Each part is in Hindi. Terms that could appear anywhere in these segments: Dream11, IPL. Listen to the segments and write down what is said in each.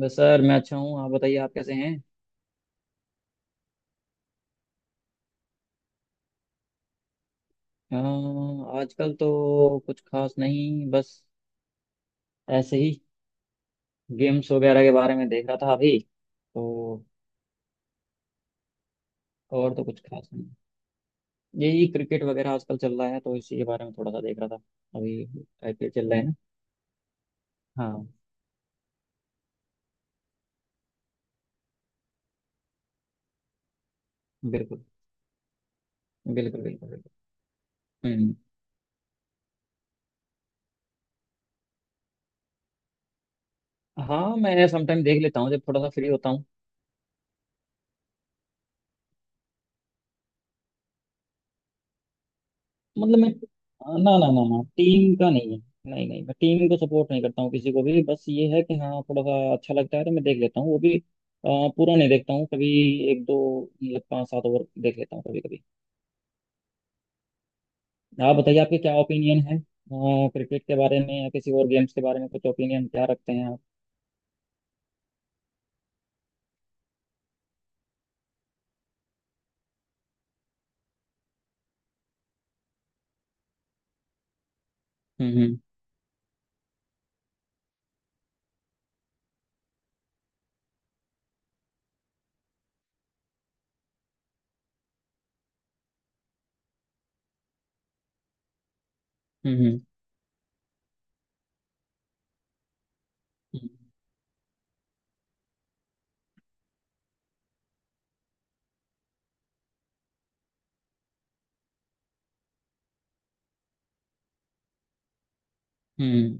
बस सर, मैं अच्छा हूँ। आप बताइए, आप कैसे हैं? अ, आजकल तो कुछ खास नहीं, बस ऐसे ही गेम्स वगैरह के बारे में देख रहा था अभी तो। और तो कुछ खास नहीं, यही क्रिकेट वगैरह आजकल चल रहा है, तो इसी के बारे में थोड़ा सा देख रहा था। अभी आईपीएल चल रहा है ना। हाँ, बिल्कुल बिल्कुल बिल्कुल बिल्कुल। हम्म। हाँ, मैं समटाइम देख लेता हूँ जब थोड़ा सा फ्री होता हूँ। मतलब मैं, ना ना ना ना, टीम का नहीं है। नहीं नहीं, मैं टीम को सपोर्ट नहीं करता हूँ किसी को भी। बस ये है कि हाँ, थोड़ा सा अच्छा लगता है तो मैं देख लेता हूँ, वो भी पूरा नहीं देखता हूँ कभी। एक दो, मतलब पाँच सात ओवर देख लेता हूँ कभी कभी। आप बताइए, आपके क्या ओपिनियन है क्रिकेट के बारे में या किसी और गेम्स के बारे में? कुछ ओपिनियन क्या रखते हैं आप? हम्म। हम्म। हम्म। हम्म।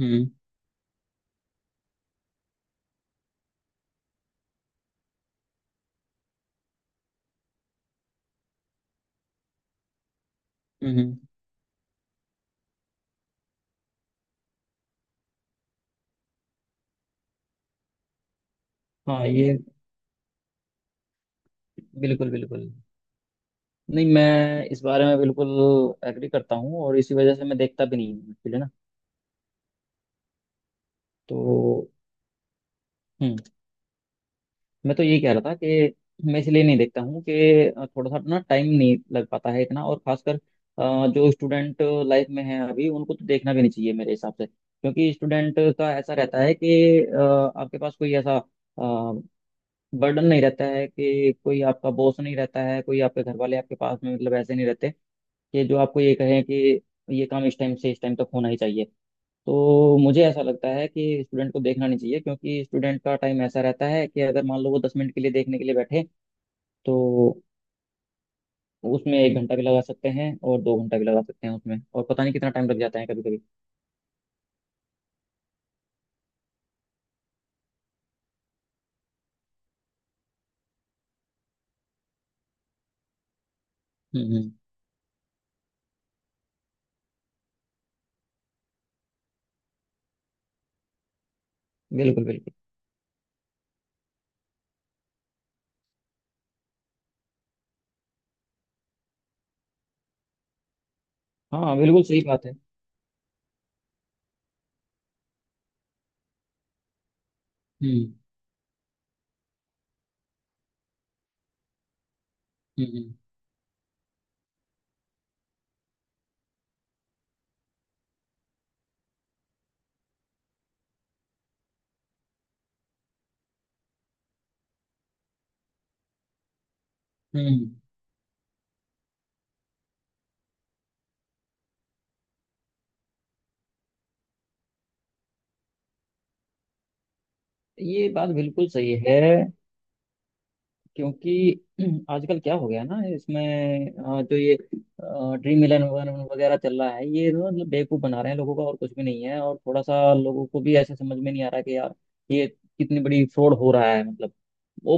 हम्म। हम्म। हाँ ये। बिल्कुल बिल्कुल। नहीं, मैं इस बारे में बिल्कुल एग्री करता हूँ, और इसी वजह से मैं देखता भी नहीं हूँ actually ना। तो हम्म मैं तो ये कह रहा था कि मैं इसलिए नहीं देखता हूँ कि थोड़ा सा ना टाइम नहीं लग पाता है इतना। और खासकर जो स्टूडेंट लाइफ में है अभी, उनको तो देखना भी नहीं चाहिए मेरे हिसाब से। क्योंकि स्टूडेंट का ऐसा रहता है कि अ, आपके पास कोई ऐसा बर्डन नहीं रहता है, कि कोई आपका बॉस नहीं रहता है, कोई आपके घर वाले आपके पास में मतलब ऐसे नहीं रहते कि जो आपको ये कहें कि ये काम इस टाइम से इस टाइम तक होना ही चाहिए। तो मुझे ऐसा लगता है कि स्टूडेंट को देखना नहीं चाहिए, क्योंकि स्टूडेंट का टाइम ऐसा रहता है कि अगर मान लो वो 10 मिनट के लिए देखने के लिए बैठे, तो उसमें 1 घंटा भी लगा सकते हैं और 2 घंटा भी लगा सकते हैं उसमें, और पता नहीं कितना टाइम लग जाता है कभी कभी। हम्म। हम्म। बिल्कुल बिल्कुल। हाँ बिल्कुल सही बात है। हम्म। हम्म। हम्म। हम्म। ये बात बिल्कुल सही है। क्योंकि आजकल क्या हो गया ना इसमें, जो ये ड्रीम इलेवन वगैरह वगैरह चल रहा है, ये ना मतलब बेवकूफ बना रहे हैं लोगों का और कुछ भी नहीं है। और थोड़ा सा लोगों को भी ऐसे समझ में नहीं आ रहा कि यार ये कितनी बड़ी फ्रॉड हो रहा है, मतलब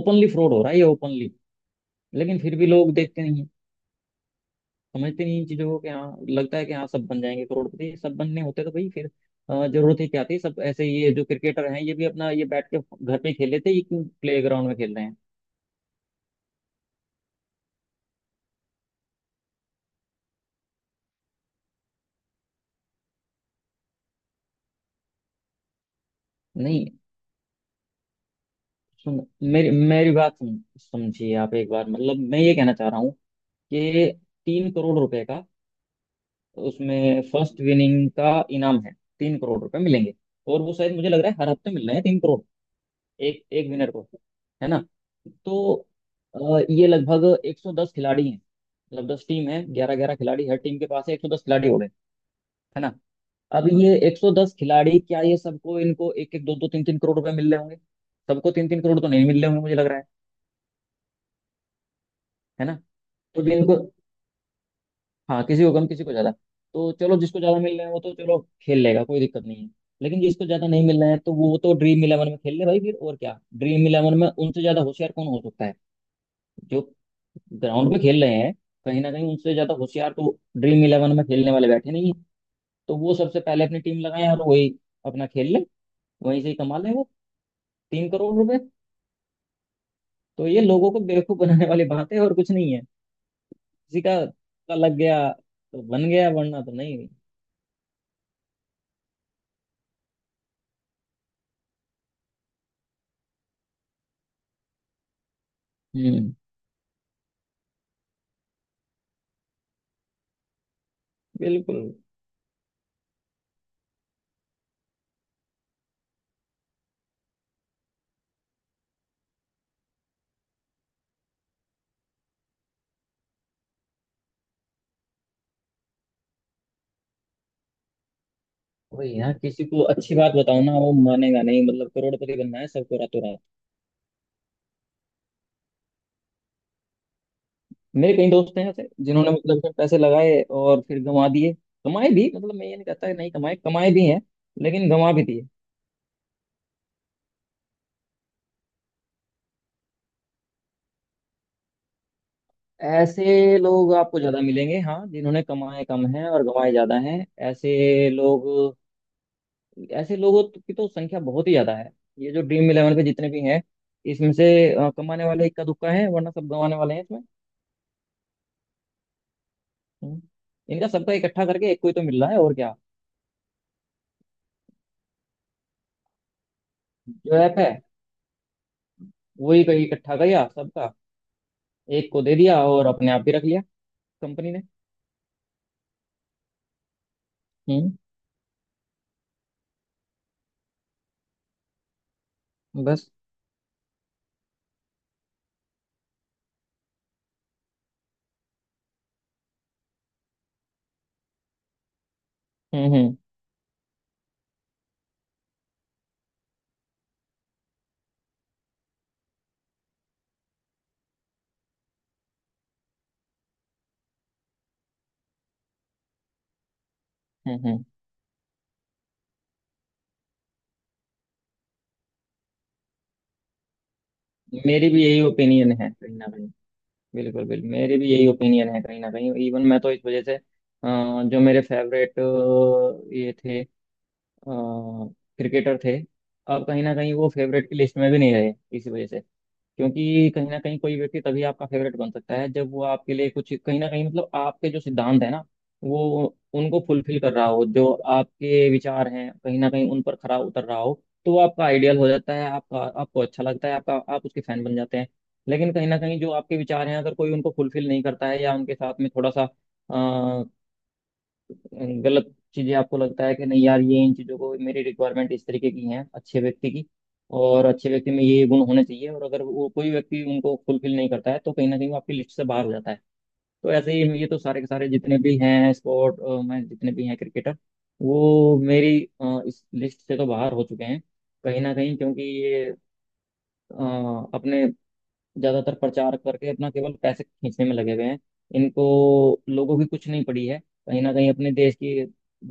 ओपनली फ्रॉड हो रहा है ये, ओपनली। लेकिन फिर भी लोग देखते नहीं हैं, समझते नहीं इन चीजों को कि हाँ, लगता है कि हाँ सब बन जाएंगे करोड़पति। सब बनने होते तो भाई फिर जरूरत ही क्या थी? सब ऐसे ही ये जो क्रिकेटर हैं, ये भी अपना ये बैठ के घर पे ही खेल लेते, ये क्यों प्ले ग्राउंड में खेल रहे हैं? नहीं, सुन, मेरी मेरी बात सुन, समझिए आप एक बार। मतलब मैं ये कहना चाह रहा हूँ कि 3 करोड़ रुपए का उसमें फर्स्ट विनिंग का इनाम है, 3 करोड़ रुपए मिलेंगे। और वो शायद मुझे लग रहा है हर हफ्ते मिल रहे हैं 3 करोड़, एक एक विनर को, है ना? तो अ, ये लगभग 110 खिलाड़ी हैं, मतलब 10 टीम है, ग्यारह ग्यारह खिलाड़ी हर टीम के पास है, 110 खिलाड़ी हो गए, है ना? अब ये 110 खिलाड़ी, क्या ये सबको, इनको एक एक दो दो तीन तीन करोड़ रुपए मिल रहे होंगे? सबको तीन तीन करोड़ तो नहीं मिल रहे होंगे, मुझे लग रहा है ना? तो जिनको, हाँ, किसी को कम किसी को ज्यादा। तो चलो जिसको ज्यादा मिल रहे हैं वो तो चलो खेल लेगा, कोई दिक्कत नहीं है। लेकिन जिसको ज्यादा नहीं मिल रहा है, तो वो तो ड्रीम इलेवन में खेल ले भाई फिर, और क्या? ड्रीम इलेवन में उनसे ज्यादा होशियार कौन हो सकता है, जो ग्राउंड पे खेल रहे हैं? कहीं ना कहीं उनसे ज्यादा होशियार तो ड्रीम इलेवन में खेलने वाले बैठे नहीं है तो वो सबसे पहले अपनी टीम लगाए और वही अपना खेल ले, वहीं से ही कमा ले वो 3 करोड़ रुपए। तो ये लोगों को बेवकूफ बनाने वाली बात है और कुछ नहीं है। किसी का लग गया तो बन गया वरना तो नहीं। हम्म। बिल्कुल। वही, यहाँ किसी को अच्छी बात बताओ ना, वो मानेगा नहीं, मतलब करोड़पति बनना है सबको रातों रात। मेरे कई दोस्त हैं ऐसे जिन्होंने मतलब उसमें पैसे लगाए और फिर गंवा दिए। कमाए भी, मतलब मैं ये नहीं कहता कि नहीं कमाए, कमाए भी हैं, लेकिन गंवा भी दिए। ऐसे लोग आपको ज्यादा मिलेंगे हाँ, जिन्होंने कमाए कम हैं और गंवाए ज्यादा हैं। ऐसे लोग, ऐसे लोगों की तो संख्या बहुत ही ज्यादा है। ये जो ड्रीम इलेवन पे जितने भी हैं, इसमें से कमाने वाले इक्का दुक्का है वरना सब गंवाने वाले हैं इसमें। हम्म। इनका सबका इकट्ठा करके एक को ही तो मिल रहा है, और क्या। जो ऐप है, वही कहीं इकट्ठा किया सबका, एक को दे दिया और अपने आप ही रख लिया कंपनी ने। हम्म। बस। हम्म। हम्म। हम्म। हम्म। मेरी भी यही ओपिनियन है कहीं ना कहीं। बिल्कुल बिल्कुल, मेरी भी यही ओपिनियन है कहीं ना कहीं। इवन मैं तो इस वजह से, जो मेरे फेवरेट ये थे, क्रिकेटर थे, अब कहीं ना कहीं वो फेवरेट की लिस्ट में भी नहीं रहे, इसी वजह से। क्योंकि कहीं ना कहीं कोई व्यक्ति तभी आपका फेवरेट बन सकता है जब वो आपके लिए कुछ कहीं ना कहीं मतलब आपके जो सिद्धांत है ना, वो उनको फुलफिल कर रहा हो, जो आपके विचार हैं कहीं ना कहीं उन पर खरा उतर रहा हो, तो वो आपका आइडियल हो जाता है, आपका आपको अच्छा लगता है, आपका आप उसके फैन बन जाते हैं। लेकिन कहीं ना कहीं जो आपके विचार हैं, अगर कोई उनको फुलफिल नहीं करता है या उनके साथ में थोड़ा सा यानी गलत चीजें, आपको लगता है कि नहीं यार ये इन चीजों को मेरी रिक्वायरमेंट इस तरीके की हैं अच्छे व्यक्ति की, और अच्छे व्यक्ति में ये गुण होने चाहिए, और अगर वो कोई व्यक्ति उनको फुलफिल नहीं करता है, तो कहीं ना कहीं वो आपकी लिस्ट से बाहर हो जाता है। तो ऐसे ही ये तो सारे के सारे जितने भी हैं स्पोर्ट में, जितने भी हैं क्रिकेटर, वो मेरी इस लिस्ट से तो बाहर हो चुके हैं कहीं ना कहीं। क्योंकि ये अ, अपने ज्यादातर प्रचार करके अपना केवल पैसे खींचने में लगे हुए हैं। इनको लोगों की कुछ नहीं पड़ी है, कहीं ना कहीं अपने देश की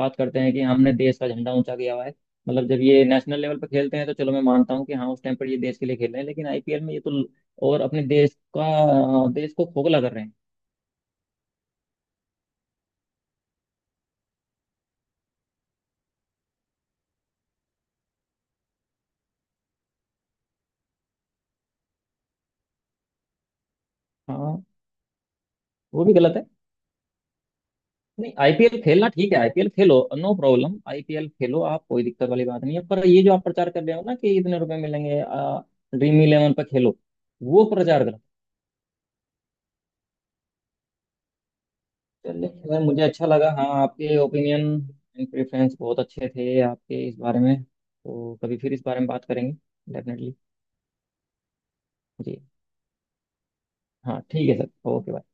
बात करते हैं कि हमने देश का झंडा ऊंचा किया हुआ है। मतलब जब ये नेशनल लेवल पर खेलते हैं तो चलो मैं मानता हूँ कि हाँ उस टाइम पर ये देश के लिए खेल रहे हैं, लेकिन आईपीएल में ये तो और अपने देश का, देश को खोखला कर रहे हैं। हाँ, वो भी गलत है। नहीं, आईपीएल खेलना ठीक है, आईपीएल खेलो, नो प्रॉब्लम, आईपीएल खेलो, आप कोई दिक्कत वाली बात नहीं है, पर ये जो आप प्रचार कर रहे हो ना कि इतने रुपए मिलेंगे, ड्रीम इलेवन पर खेलो, वो प्रचार। चलिए खैर, मुझे अच्छा लगा, हाँ आपके ओपिनियन एंड प्रेफरेंस बहुत अच्छे थे आपके इस बारे में, तो कभी फिर इस बारे में बात करेंगे डेफिनेटली। जी। हाँ ठीक है सर, ओके।